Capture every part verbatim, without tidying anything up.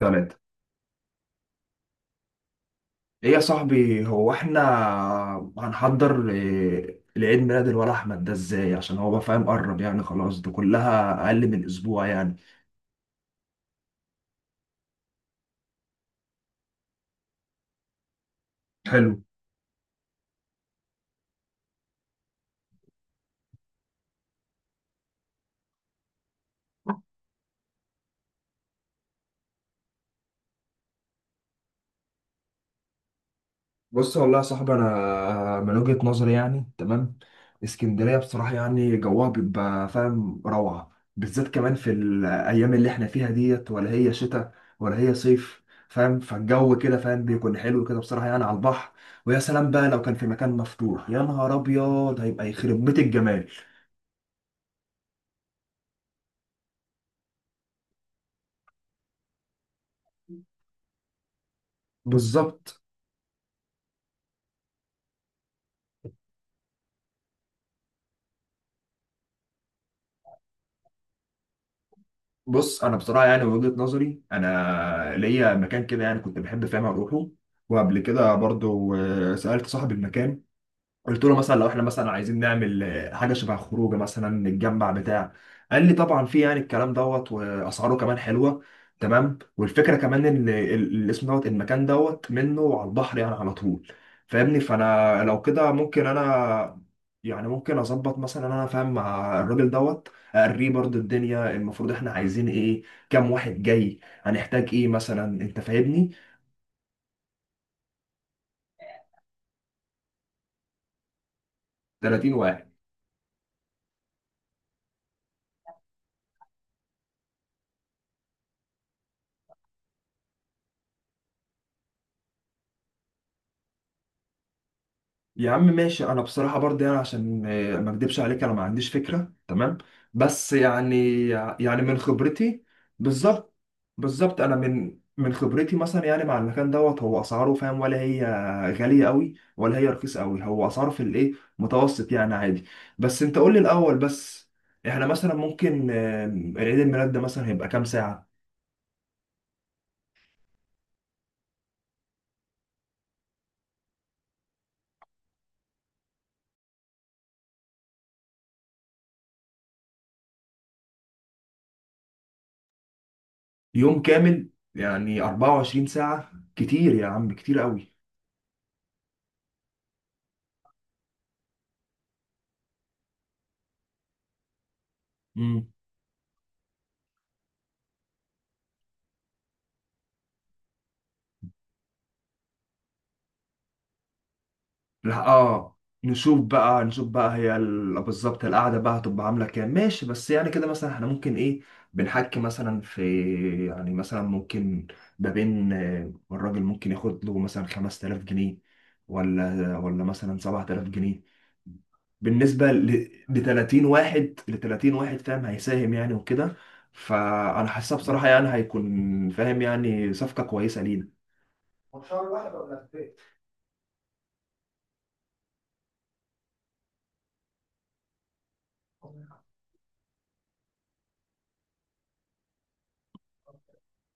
ثلاثة. ايه يا صاحبي، هو احنا هنحضر إيه العيد ميلاد الولا احمد ده ازاي؟ عشان هو بقى فاهم قرب يعني، خلاص ده كلها اقل من اسبوع يعني. حلو. بص والله يا صاحبي، انا من وجهة نظري يعني تمام. اسكندريه بصراحه يعني جوها بيبقى فاهم روعه، بالذات كمان في الايام اللي احنا فيها ديت، ولا هي شتاء ولا هي صيف، فاهم، فالجو كده فاهم بيكون حلو كده بصراحه يعني على البحر. ويا سلام بقى لو كان في مكان مفتوح، يا نهار ابيض هيبقى يخرب بيت الجمال. بالظبط. بص انا بصراحه يعني من وجهة نظري انا ليا مكان كده يعني كنت بحب فاهم اروحه، وقبل كده برضو آه، سألت صاحب المكان. قلت له مثلا لو احنا مثلا عايزين نعمل آه، حاجه شبه خروجه مثلا نتجمع بتاع. قال لي طبعا في، يعني الكلام دوت واسعاره كمان حلوه تمام، والفكره كمان ان ال- الاسم دوت المكان دوت منه على البحر يعني على طول. فاهمني، فانا لو كده ممكن انا يعني ممكن اظبط مثلا انا فاهم مع الراجل دوت، اقريه برضه الدنيا المفروض احنا عايزين ايه، كام واحد جاي، هنحتاج ايه مثلا، انت فاهمني. ثلاثين واحد. يا عم ماشي، انا بصراحه برضه يعني عشان آه، ما اكدبش عليك، انا ما عنديش فكره تمام، بس يعني يعني من خبرتي. بالظبط. بالظبط، انا من من خبرتي مثلا يعني مع المكان دوت، هو اسعاره فاهم ولا هي غاليه قوي ولا هي رخيصه قوي، هو اسعاره في الايه متوسط يعني عادي. بس انت قول لي الاول، بس احنا مثلا ممكن آه، عيد الميلاد ده مثلا هيبقى كام ساعه؟ يوم كامل؟ يعني اربعة وعشرين ساعه؟ كتير يا عم، كتير قوي. لا اه. نشوف بقى نشوف بقى هي ال- بالظبط القعده بقى هتبقى عامله كام، ماشي، بس يعني كده مثلا احنا ممكن ايه بنحكي مثلا في يعني مثلا ممكن ما بين آه، الراجل ممكن ياخد له مثلا خمستلاف جنيه ولا ولا مثلا سبعتلاف جنيه بالنسبه ل ثلاثين واحد، ل ثلاثين واحد فاهم، هيساهم يعني وكده. فانا حاسسها بصراحه يعني هيكون فاهم يعني صفقه كويسه لينا.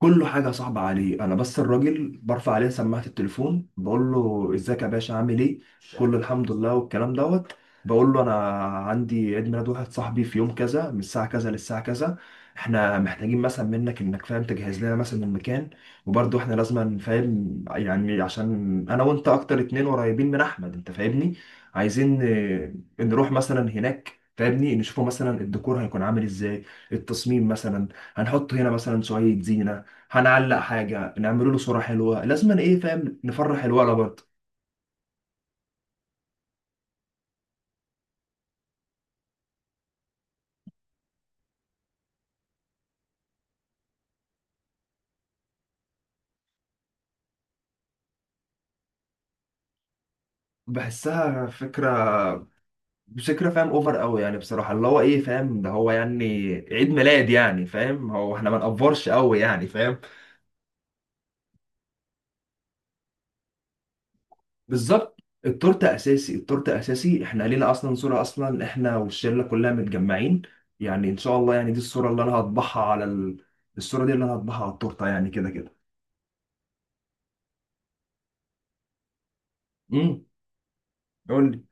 كله حاجة صعبة عليه أنا، بس الراجل برفع عليه سماعة التليفون بقول له إزيك يا باشا، عامل إيه، كله الحمد لله والكلام دوت. بقول له أنا عندي عيد ميلاد واحد صاحبي في يوم كذا من الساعة كذا للساعة كذا، إحنا محتاجين مثلا منك إنك فاهم تجهز لنا مثلا المكان، وبرضه إحنا لازم فاهم يعني عشان أنا وأنت أكتر اتنين قريبين من أحمد، أنت فاهمني، عايزين آه، نروح مثلا هناك فاهمني نشوفه مثلا الديكور هيكون عامل إزاي، التصميم مثلا، هنحط هنا مثلا شوية زينة، هنعلق حاجة، نعمله له صورة حلوة، لازم أنا ايه فاهم نفرح الولد برضه. بحسها فكرة. مش فكرة فاهم اوفر قوي يعني بصراحة، اللي هو ايه فاهم ده هو يعني عيد ميلاد يعني، فاهم هو احنا ما نقفرش قوي يعني فاهم. بالظبط. التورتة اساسي، التورتة اساسي، احنا لينا اصلا صورة اصلا احنا والشلة كلها متجمعين، يعني ان شاء الله يعني دي الصورة اللي انا هطبعها على ال... الصورة دي اللي انا هطبعها على التورتة يعني كده كده. امم.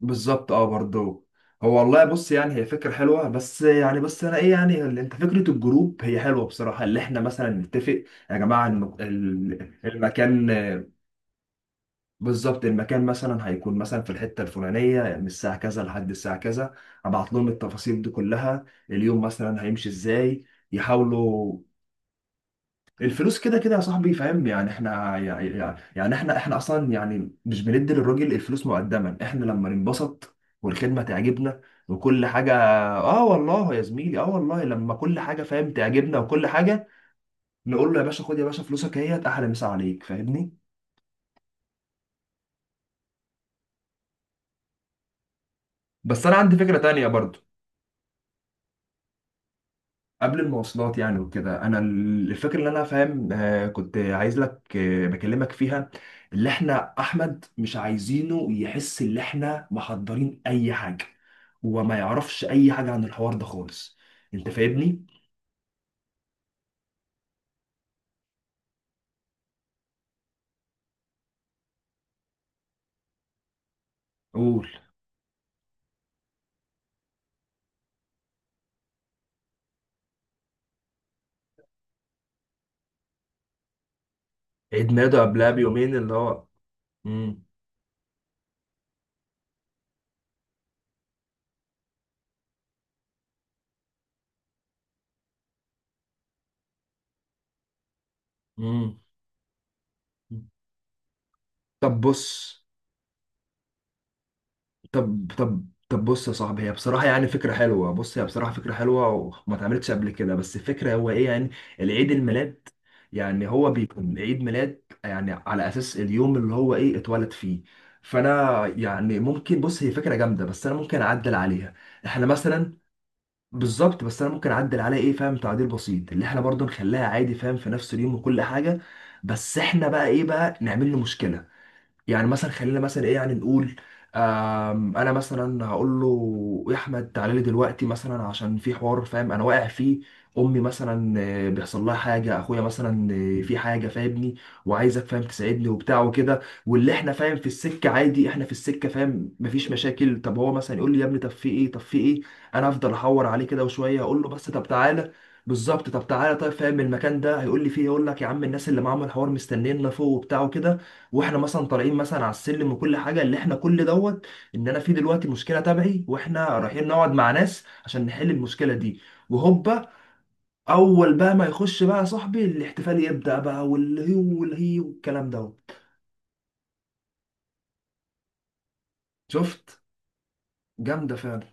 بالظبط، اه برضه. هو والله بص يعني هي فكرة حلوة، بس يعني بس انا ايه يعني اللي انت فكرة الجروب هي حلوة بصراحة، اللي احنا مثلا نتفق يا جماعة الم- ال- المكان. بالظبط، المكان مثلا هيكون مثلا في الحتة الفلانية من الساعة كذا لحد الساعة كذا، ابعت لهم التفاصيل دي كلها، اليوم مثلا هيمشي ازاي، يحاولوا. الفلوس كده كده يا صاحبي فاهم يعني، احنا يعني, يعني يعني احنا احنا اصلا يعني مش بندي للراجل الفلوس مقدما، احنا لما ننبسط والخدمه تعجبنا وكل حاجه. اه والله يا زميلي، اه والله لما كل حاجه فاهم تعجبنا وكل حاجه، نقول له يا باشا خد يا باشا فلوسك، اهيت احلى مسا عليك فاهمني. بس انا عندي فكره تانية برضو، قبل المواصلات يعني وكده، انا الفكره اللي انا فاهم آه، كنت عايز لك آه، بكلمك فيها، اللي احنا احمد مش عايزينه يحس ان احنا محضرين اي حاجه، وما يعرفش اي حاجه عن الحوار ده خالص. انت فاهمني. قول. عيد ميلاده قبلها بيومين اللي هو مم. مم. طب بص. طب طب طب بص يا صاحبي، هي بصراحة يعني فكرة حلوة، بص هي بصراحة فكرة حلوة وما اتعملتش قبل كده، بس الفكرة هو ايه يعني العيد الميلاد يعني هو بيكون عيد ميلاد يعني على أساس اليوم اللي هو ايه اتولد فيه، فأنا يعني ممكن، بص هي فكرة جامدة بس أنا ممكن أعدل عليها احنا مثلا. بالظبط، بس أنا ممكن أعدل عليها ايه فاهم تعديل بسيط، اللي احنا برضو نخليها عادي فاهم في نفس اليوم وكل حاجة، بس احنا بقى ايه بقى نعمل له مشكلة، يعني مثلا خلينا مثلا ايه يعني نقول، آم، انا مثلا هقول له يا احمد تعالى لي دلوقتي مثلا عشان في حوار فاهم انا واقع فيه، امي مثلا آه، بيحصل لها حاجه، اخويا مثلا آه، في حاجه فاهمني، وعايزك فاهم تساعدني وبتاع وكده، واللي احنا فاهم في السكه عادي، احنا في السكه فاهم مفيش مشاكل، طب هو مثلا يقول لي يا ابني طب في ايه طب في ايه، انا هفضل احور عليه كده وشويه اقول له بس طب تعالى. بالظبط، طب تعالى، طيب فاهم المكان ده، هيقول لي فيه يقول لك يا عم الناس اللي معاهم الحوار مستنينا فوق وبتاع وكده، واحنا مثلا طالعين مثلا على السلم وكل حاجه، اللي احنا كل دوت ان انا في دلوقتي مشكله تبعي، واحنا رايحين نقعد مع ناس عشان نحل المشكله دي، وهوبا، اول بقى ما يخش بقى صاحبي الاحتفال يبدا بقى والهي والهي والكلام دوت. شفت. جامده فعلا.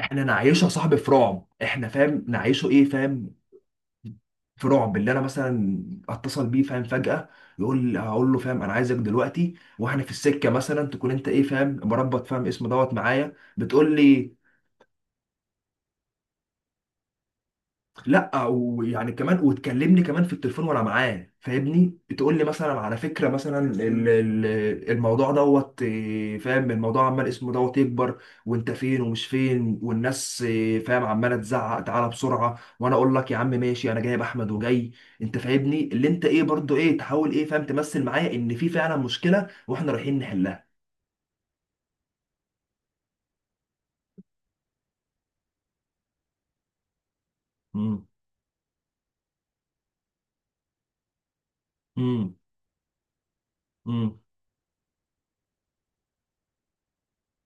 احنا نعيشها صاحبي في رعب، احنا فاهم نعيشه ايه فاهم، في رعب، اللي انا مثلا اتصل بيه فاهم فجاه، يقول هقول له فاهم انا عايزك دلوقتي، واحنا في السكه مثلا تكون انت ايه فاهم مربط فاهم اسم دوت معايا بتقول لي، لا ويعني كمان وتكلمني كمان في التليفون وانا معاه فاهمني، تقول لي مثلا على فكره مثلا ال- ال- الموضوع دوت إيه، فاهم الموضوع عمال اسمه دوت يكبر، وانت فين ومش فين والناس إيه، فاهم عماله تزعق تعالى بسرعه، وانا اقول لك يا عم ماشي، انا جايب احمد وجاي. انت فاهمني، اللي انت ايه برضو ايه، تحاول ايه فاهم تمثل معايا ان في فعلا مشكله واحنا رايحين نحلها. امم. امم. امم.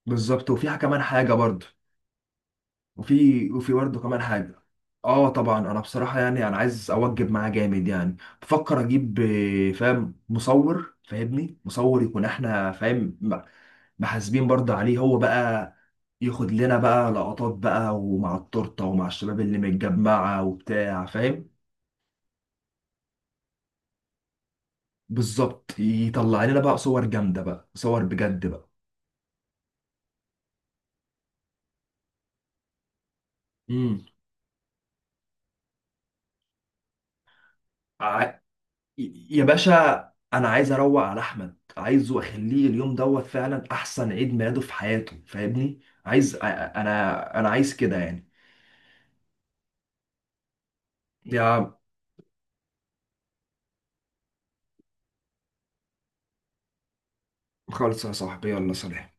بالظبط، وفيها كمان حاجه برضو، وفي وفي برضه كمان حاجة. اه طبعا انا بصراحة يعني انا عايز اوجب معاه جامد يعني، بفكر اجيب آه، فاهم مصور، فاهمني مصور يكون احنا فاهم م- محاسبين برضه عليه هو بقى، ياخد لنا بقى لقطات بقى ومع التورتة ومع الشباب اللي متجمعة وبتاع فاهم. بالظبط، يطلع لنا بقى صور جامدة بقى، صور بجد بقى. امم. يا باشا، انا عايز اروق على احمد، عايزه اخليه اليوم دوت فعلا احسن عيد ميلاده في حياته فاهمني، عايز انا انا عايز كده يعني. يا خالص يا صاحبي، يلا سلام.